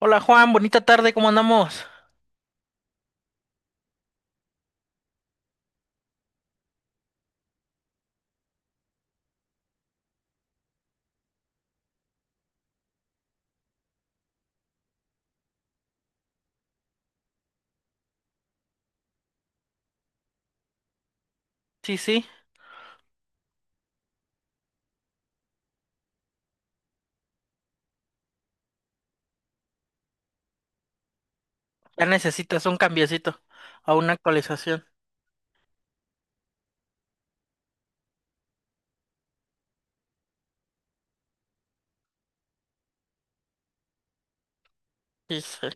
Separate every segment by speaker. Speaker 1: Hola Juan, bonita tarde, ¿cómo andamos? Sí, sí, ya necesitas un cambiecito a una actualización. Sí, sí.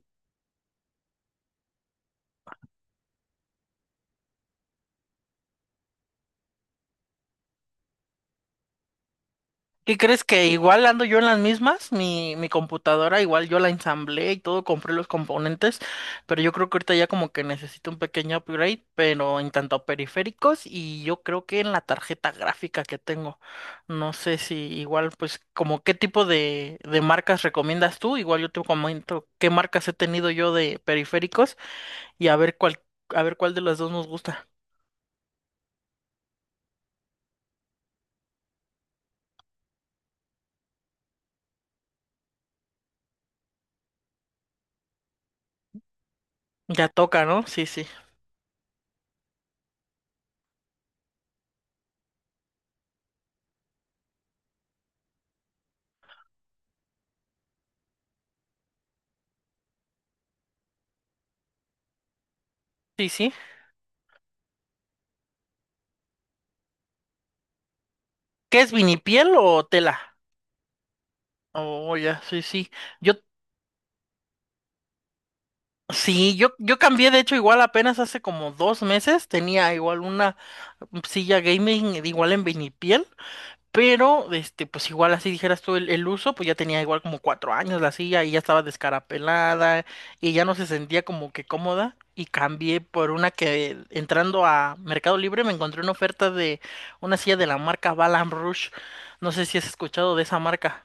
Speaker 1: ¿Qué crees que igual ando yo en las mismas? Mi computadora igual yo la ensamblé y todo, compré los componentes, pero yo creo que ahorita ya como que necesito un pequeño upgrade, pero en tanto a periféricos y yo creo que en la tarjeta gráfica que tengo. No sé si igual pues como qué tipo de marcas recomiendas tú, igual yo te comento qué marcas he tenido yo de periféricos. Y a ver cuál de las dos nos gusta. Ya toca, ¿no? Sí, sí. Sí, sí. ¿Qué es vinipiel o tela? Oh, ya, sí, sí. Yo, sí, yo cambié, de hecho, igual apenas hace como 2 meses, tenía igual una silla gaming igual en vinipiel. Pero, este, pues igual así dijeras tú el uso, pues ya tenía igual como cuatro años la silla y ya estaba descarapelada y ya no se sentía como que cómoda y cambié por una que entrando a Mercado Libre me encontré una oferta de una silla de la marca Balam Rouge. No sé si has escuchado de esa marca.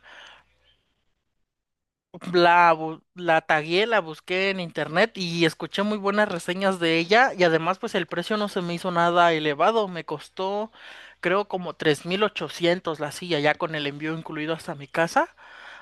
Speaker 1: La, bu- la tagué, la busqué en internet y escuché muy buenas reseñas de ella y además pues el precio no se me hizo nada elevado, me costó creo como 3,800 la silla ya con el envío incluido hasta mi casa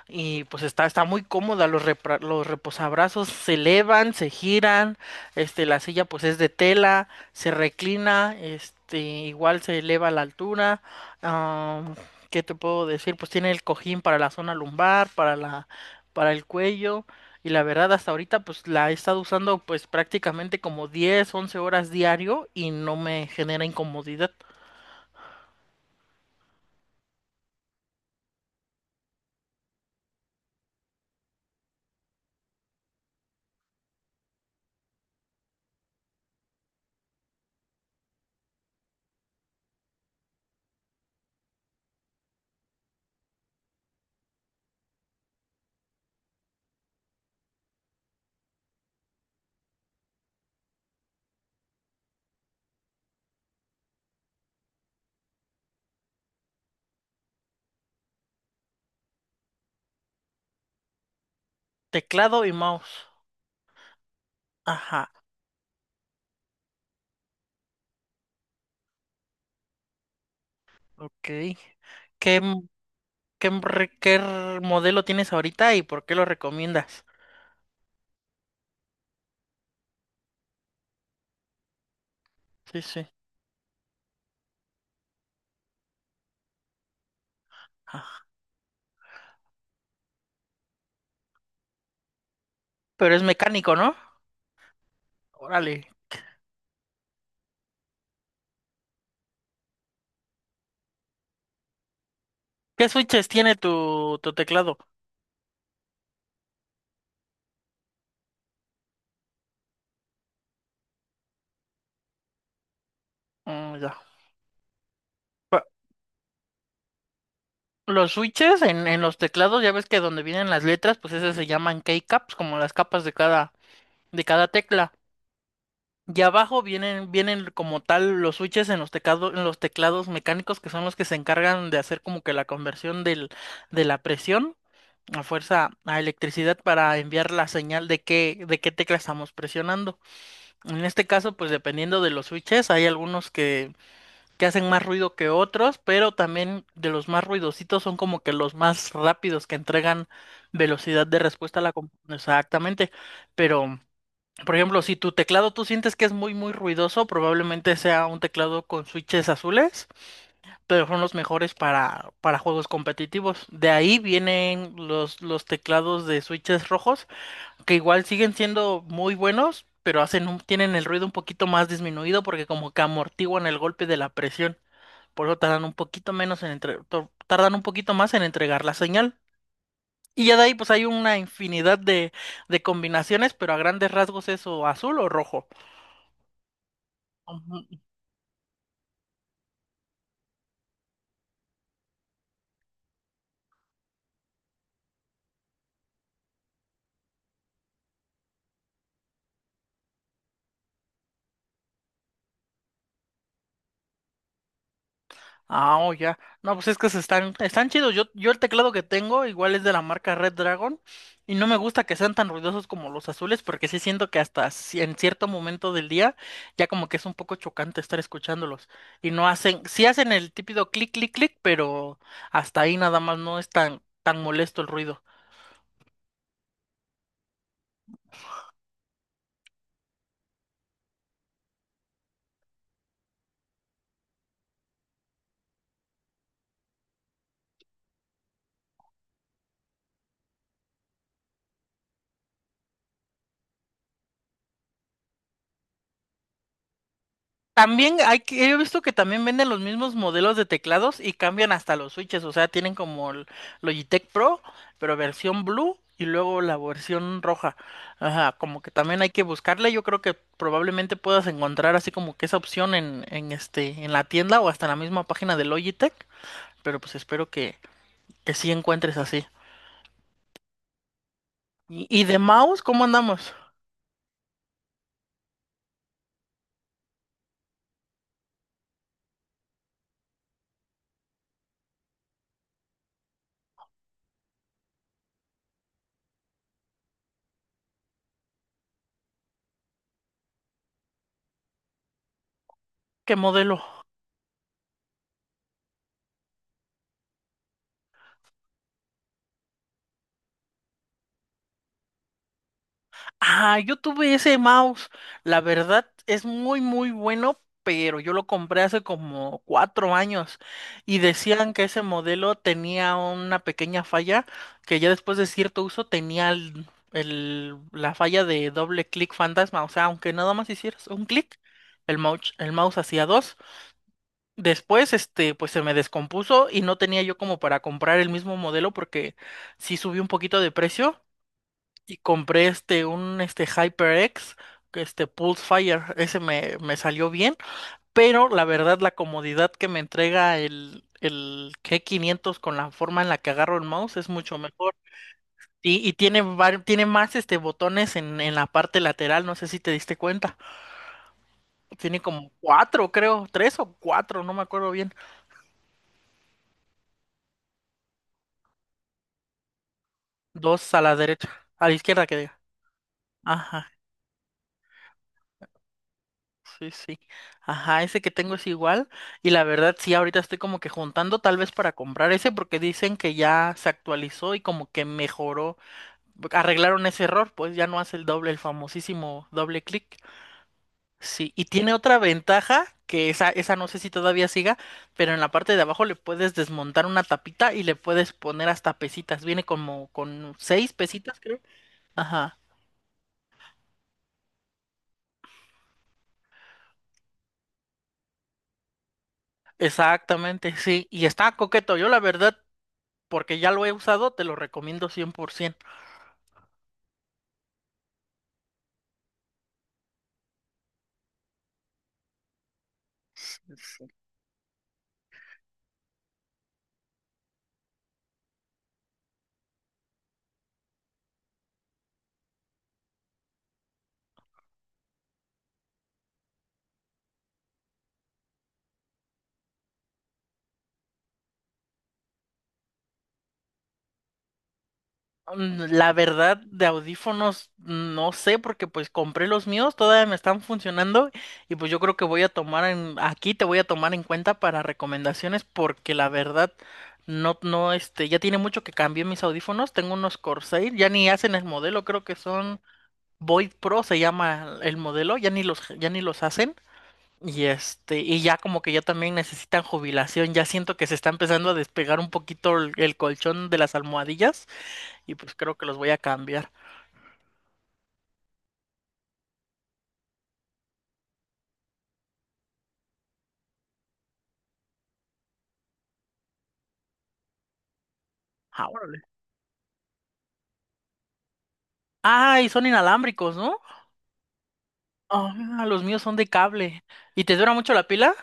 Speaker 1: y pues está muy cómoda, los, repra- los reposabrazos se elevan, se giran, este, la silla pues es de tela, se reclina, este, igual se eleva a la altura. Ah, ¿qué te puedo decir? Pues tiene el cojín para la zona lumbar, para la, para el cuello. Y la verdad, hasta ahorita pues la he estado usando pues prácticamente como 10 11 horas diario y no me genera incomodidad. Teclado y mouse. Ajá, ok. ¿Qué? ¿Qué, re- qué r- modelo tienes ahorita y por qué lo recomiendas? Sí, sí. Ah, pero es mecánico, ¿no? Órale. ¿Qué switches tiene tu teclado? Mm, ya. Los switches en los teclados, ya ves que donde vienen las letras, pues esas se llaman keycaps, como las capas de cada tecla. Y abajo vienen, vienen como tal los switches en los teclado- en los teclados mecánicos que son los que se encargan de hacer como que la conversión del, de la presión a fuerza a electricidad para enviar la señal de qué tecla estamos presionando. En este caso, pues dependiendo de los switches, hay algunos que hacen más ruido que otros, pero también de los más ruidositos son como que los más rápidos que entregan velocidad de respuesta a la... com- Exactamente, pero... Por ejemplo, si tu teclado tú sientes que es muy, muy ruidoso, probablemente sea un teclado con switches azules, pero son los mejores para juegos competitivos. De ahí vienen los teclados de switches rojos, que igual siguen siendo muy buenos, pero hacen un- tienen el ruido un poquito más disminuido porque como que amortiguan el golpe de la presión. Por eso tardan un poquito menos en entre- tor- tardan un poquito más en entregar la señal. Y ya de ahí pues hay una infinidad de combinaciones, pero a grandes rasgos es o azul o rojo. Ujú. Ah, oh, ya. No, pues es que se están, están chidos. Yo el teclado que tengo igual es de la marca Red Dragon y no me gusta que sean tan ruidosos como los azules porque sí siento que hasta ci- en cierto momento del día ya como que es un poco chocante estar escuchándolos y no hacen, sí hacen el típido clic, clic, clic, pero hasta ahí nada más no es tan, tan molesto el ruido. También hay que, he visto que también venden los mismos modelos de teclados y cambian hasta los switches, o sea, tienen como el Logitech Pro, pero versión blue y luego la versión roja. Ajá, como que también hay que buscarla. Yo creo que probablemente puedas encontrar así como que esa opción en este, en la tienda o hasta en la misma página de Logitech, pero pues espero que sí encuentres así. Y de mouse, ¿cómo andamos? ¿Qué modelo? Ah, yo tuve ese mouse. La verdad es muy, muy bueno, pero yo lo compré hace como 4 años y decían que ese modelo tenía una pequeña falla que ya después de cierto uso tenía el- la falla de doble clic fantasma. O sea, aunque nada más hicieras un clic, el mouse hacía dos. Después, este, pues se me descompuso y no tenía yo como para comprar el mismo modelo porque sí subió un poquito de precio y compré este un este HyperX, que este Pulse Fire, ese me, me salió bien, pero la verdad la comodidad que me entrega el G500 con la forma en la que agarro el mouse es mucho mejor. Y tiene, var- tiene más este botones en la parte lateral, no sé si te diste cuenta. Tiene como cuatro, creo, tres o cuatro, no me acuerdo bien. Dos a la derecha, a la izquierda que diga. Ajá. Sí, sí. Ajá, ese que tengo es igual. Y la verdad, sí, ahorita estoy como que juntando tal vez para comprar ese porque dicen que ya se actualizó y como que mejoró. Arreglaron ese error, pues ya no hace el doble, el famosísimo doble clic. Sí, y tiene otra ventaja que esa no sé si todavía siga, pero en la parte de abajo le puedes desmontar una tapita y le puedes poner hasta pesitas. Viene como con seis pesitas, creo. Ajá. Exactamente, sí, y está coqueto. Yo la verdad porque ya lo he usado, te lo recomiendo 100%. Mm, la verdad, de audífonos, no sé, porque pues compré los míos, todavía me están funcionando y pues yo creo que voy a tomar en, aquí te voy a tomar en cuenta para recomendaciones porque la verdad, no, no, este, ya tiene mucho que cambié mis audífonos, tengo unos Corsair, ya ni hacen el modelo, creo que son Void Pro se llama el modelo, ya ni los hacen. Y este, y ya como que ya también necesitan jubilación, ya siento que se está empezando a despegar un poquito el colchón de las almohadillas y pues creo que los voy a cambiar. Ah, órale. Ah, y son inalámbricos, ¿no? Ah, los míos son de cable. ¿Y te dura mucho la pila?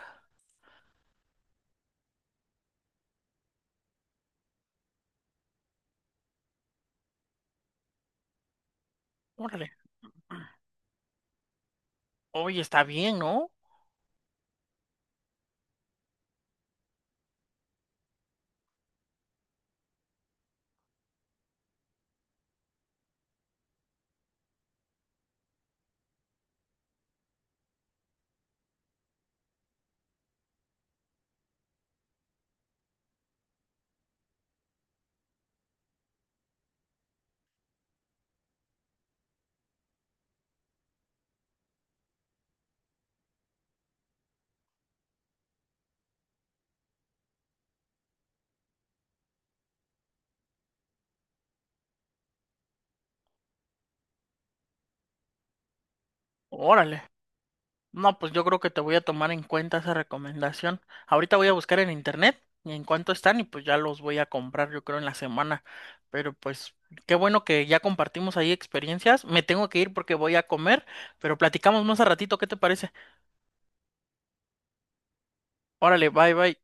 Speaker 1: Órale. Oye, está bien, ¿no? Órale. No, pues yo creo que te voy a tomar en cuenta esa recomendación. Ahorita voy a buscar en internet y en cuánto están y pues ya los voy a comprar yo creo en la semana. Pero pues qué bueno que ya compartimos ahí experiencias. Me tengo que ir porque voy a comer, pero platicamos más a ratito, ¿qué te parece? Órale, bye bye.